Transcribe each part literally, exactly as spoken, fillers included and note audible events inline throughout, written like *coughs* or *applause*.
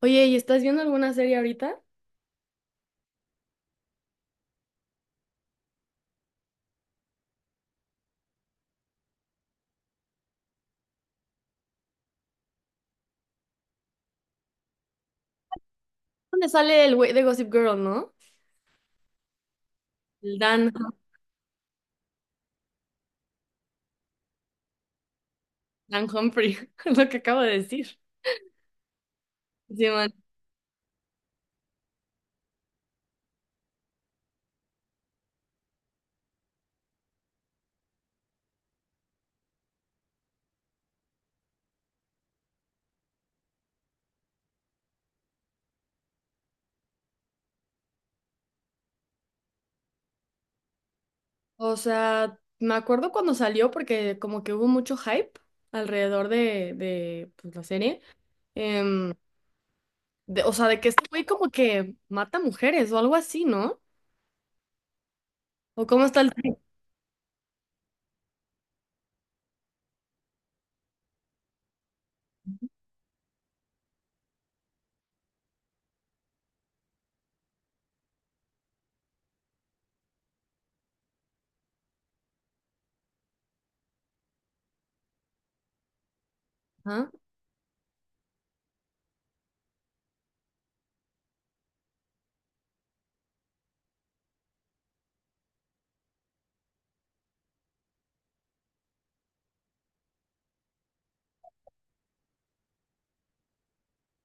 Oye, ¿y estás viendo alguna serie ahorita? ¿Dónde sale el güey de Gossip Girl, no? El Dan, Dan Humphrey, *laughs* es lo que acabo de decir. Sí, man. O sea, me acuerdo cuando salió porque como que hubo mucho hype alrededor de, de pues, la serie. Em, de- o sea, de que este güey como que mata mujeres o algo así, ¿no? ¿O cómo está el tema?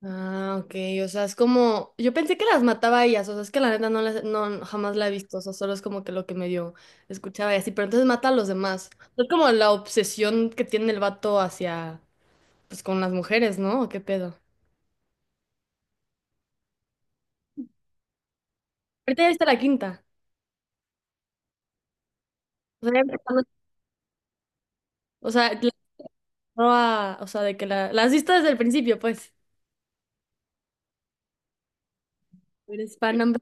Ah, ok, o sea, es como, yo pensé que las mataba a ellas. O sea, es que la neta no, las- no, jamás la he visto. O sea, solo es como que lo que medio escuchaba y así, pero entonces mata a los demás. Es como la obsesión que tiene el vato hacia, pues, con las mujeres, ¿no? ¿O qué pedo? Ahorita ya viste la quinta, o sea, ya viste la- o sea, la roba- o sea, de que la, la has visto desde el principio, pues. Eres fan number-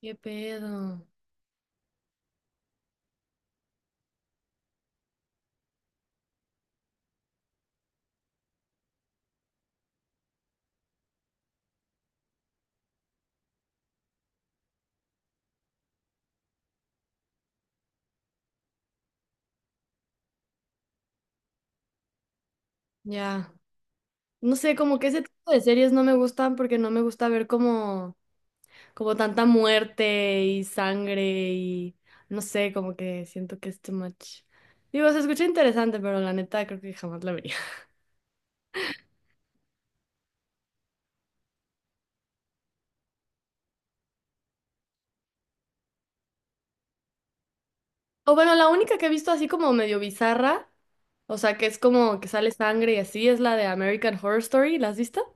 ¿Qué pedo? Ya, no sé, como que ese tipo de series no me gustan porque no me gusta ver como... como tanta muerte y sangre, y no sé, como que siento que es too much. Digo, se escucha interesante, pero la neta creo que jamás la vería. *laughs* O bueno, la única que he visto así como medio bizarra, o sea, que es como que sale sangre y así, es la de American Horror Story. ¿La has visto?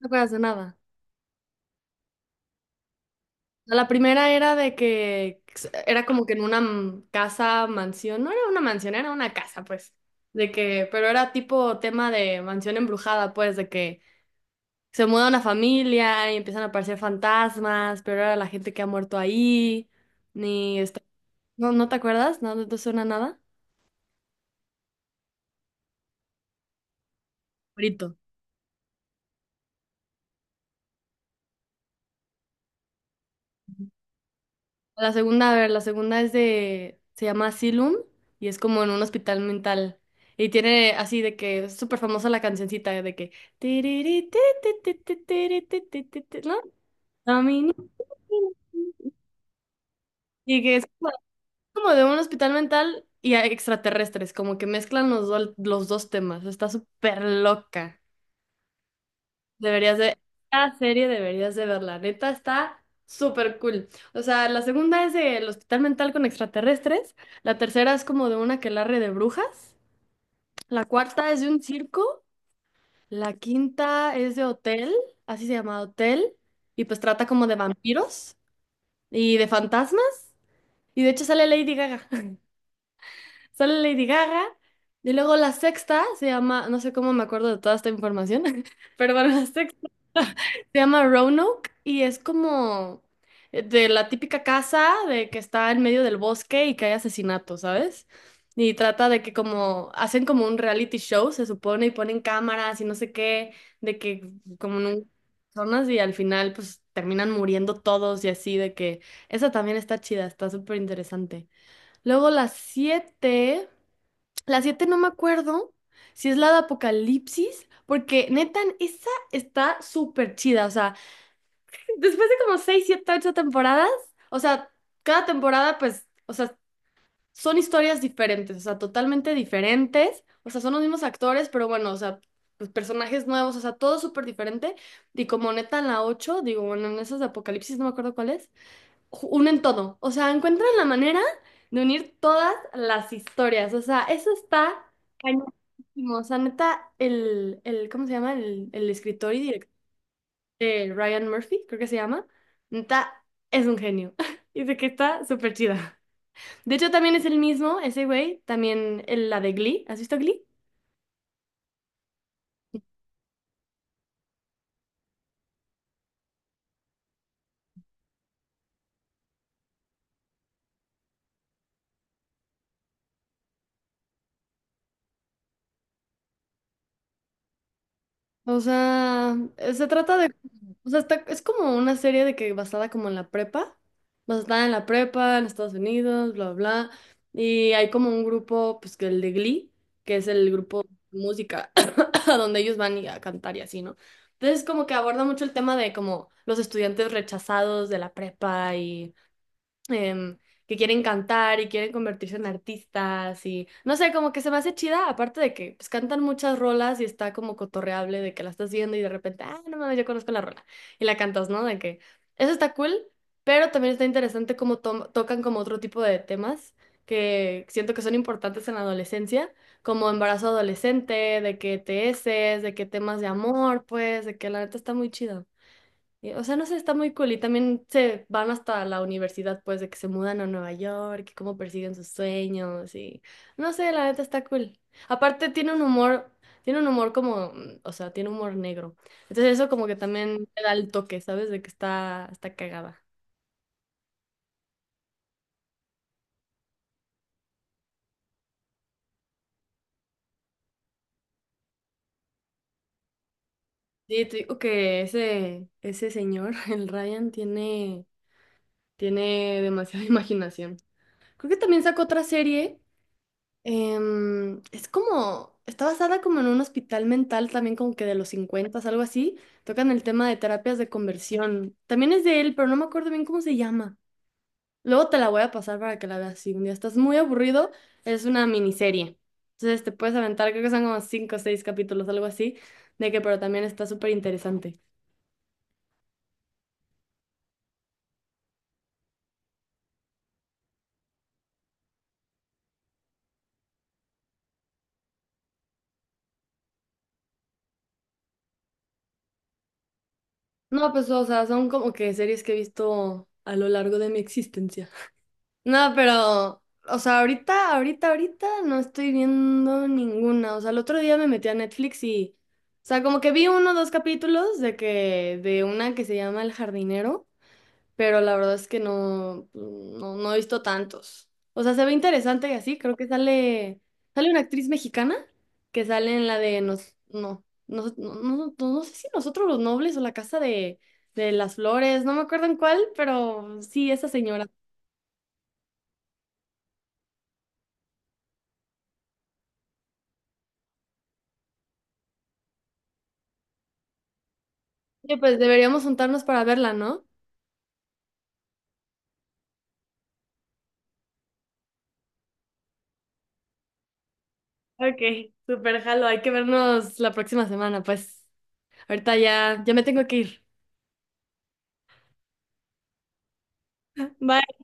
No acuerdas de nada. No, la primera era de que era como que en una m- casa, mansión, no era una mansión, era una casa, pues. De que, pero era tipo tema de mansión embrujada, pues, de que se muda una familia y empiezan a aparecer fantasmas, pero ahora la gente que ha muerto ahí, ni está... ¿No, no te acuerdas? ¿No, no te suena nada? Brito. La segunda, a ver, la segunda es de... Se llama Asylum y es como en un hospital mental. Y tiene así de que es súper famosa la cancioncita de que... "Tiriri, ti, ti, ti, ti, tiri, ti, ti, ti, ti", ¿no? A mí ni- Y que es como como de un hospital mental y a extraterrestres, como que mezclan los, dol- los dos temas. Está súper loca. Deberías de, esta serie deberías de verla, neta está súper cool. O sea, la segunda es del hospital mental con extraterrestres, la tercera es como de una quelarre de brujas, la cuarta es de un circo, la quinta es de hotel, así se llama hotel, y pues trata como de vampiros y de fantasmas, y de hecho sale Lady Gaga, *laughs* sale Lady Gaga. Y luego la sexta se llama, no sé cómo me acuerdo de toda esta información, *laughs* pero bueno, la sexta se llama Roanoke y es como de la típica casa de que está en medio del bosque y que hay asesinatos, ¿sabes? Y trata de que como hacen como un reality show, se supone, y ponen cámaras y no sé qué, de que como no personas, y al final pues terminan muriendo todos y así, de que esa también está chida, está súper interesante. Luego las siete, las siete no me acuerdo si es la de Apocalipsis, porque neta, esa está súper chida, o sea... Después de como seis, siete, ocho temporadas, o sea, cada temporada, pues, o sea, son historias diferentes, o sea, totalmente diferentes, o sea, son los mismos actores, pero bueno, o sea, pues personajes nuevos, o sea, todo súper diferente. Y como neta en la ocho, digo, bueno, en esas de Apocalipsis, no me acuerdo cuál es, ju- unen todo, o sea, encuentran la manera de unir todas las historias, o sea, eso está cañonísimo, o sea, neta, el, el, ¿cómo se llama? El, el escritor y director de Ryan Murphy, creo que se llama, está, es un genio. *laughs* Dice que está súper chida. De hecho, también es el mismo, ese güey, también el- la de Glee. ¿Has visto Glee? O sea, eh, se trata de, o sea, está- es como una serie de que basada como en la prepa, basada en la prepa, en Estados Unidos, bla, bla, bla, y hay como un grupo, pues, que el de Glee, que es el grupo de música, *coughs* a donde ellos van y a cantar y así, ¿no? Entonces como que aborda mucho el tema de como los estudiantes rechazados de la prepa y em, que quieren cantar y quieren convertirse en artistas, y no sé, como que se me hace chida, aparte de que pues cantan muchas rolas y está como cotorreable, de que la estás viendo y de repente, ah, no mames, yo conozco la rola y la cantas, ¿no? De que eso está cool, pero también está interesante cómo to- tocan como otro tipo de temas, que siento que son importantes en la adolescencia, como embarazo adolescente, de que T S, de que temas de amor, pues, de que la neta está muy chido. Y, o sea, no sé, está muy cool. Y también se van hasta la universidad, pues, de que se mudan a Nueva York, y cómo persiguen sus sueños y... No sé, la neta está cool. Aparte tiene un humor, tiene un humor como, mm, o sea, tiene humor negro. Entonces eso como que también le da el toque, ¿sabes? De que está, está cagada. Sí, te digo que ese, ese señor, *laughs* el Ryan, tiene, tiene demasiada *laughs* imaginación. Creo que también sacó otra serie. Em, es como, está basada como en un hospital mental, también como que de los cincuenta, algo así. Tocan el tema de terapias de conversión. También es de él, pero no me acuerdo bien cómo se llama. Luego te la voy a pasar para que la veas. Si un día estás muy aburrido, es una miniserie. Entonces te puedes aventar, creo que son como cinco o seis capítulos, algo así, de que pero también está súper interesante. No, pues o sea, son como que series que he visto a lo largo de mi existencia. No, pero, o sea, ahorita, ahorita, ahorita no estoy viendo ninguna. O sea, el otro día me metí a Netflix y, o sea, como que vi uno o dos capítulos de que, de una que se llama El jardinero, pero la verdad es que no, no, no he visto tantos. O sea, se ve interesante y así, creo que sale, sale una actriz mexicana que sale en la de nos, no, no, no, no, no- no sé si Nosotros los Nobles o la Casa de, de las Flores, no me acuerdo en cuál, pero sí, esa señora. Oye, pues deberíamos juntarnos para verla, ¿no? Ok, super jalo, hay que vernos. La próxima semana, pues. Ahorita ya, ya me tengo que ir. Bye.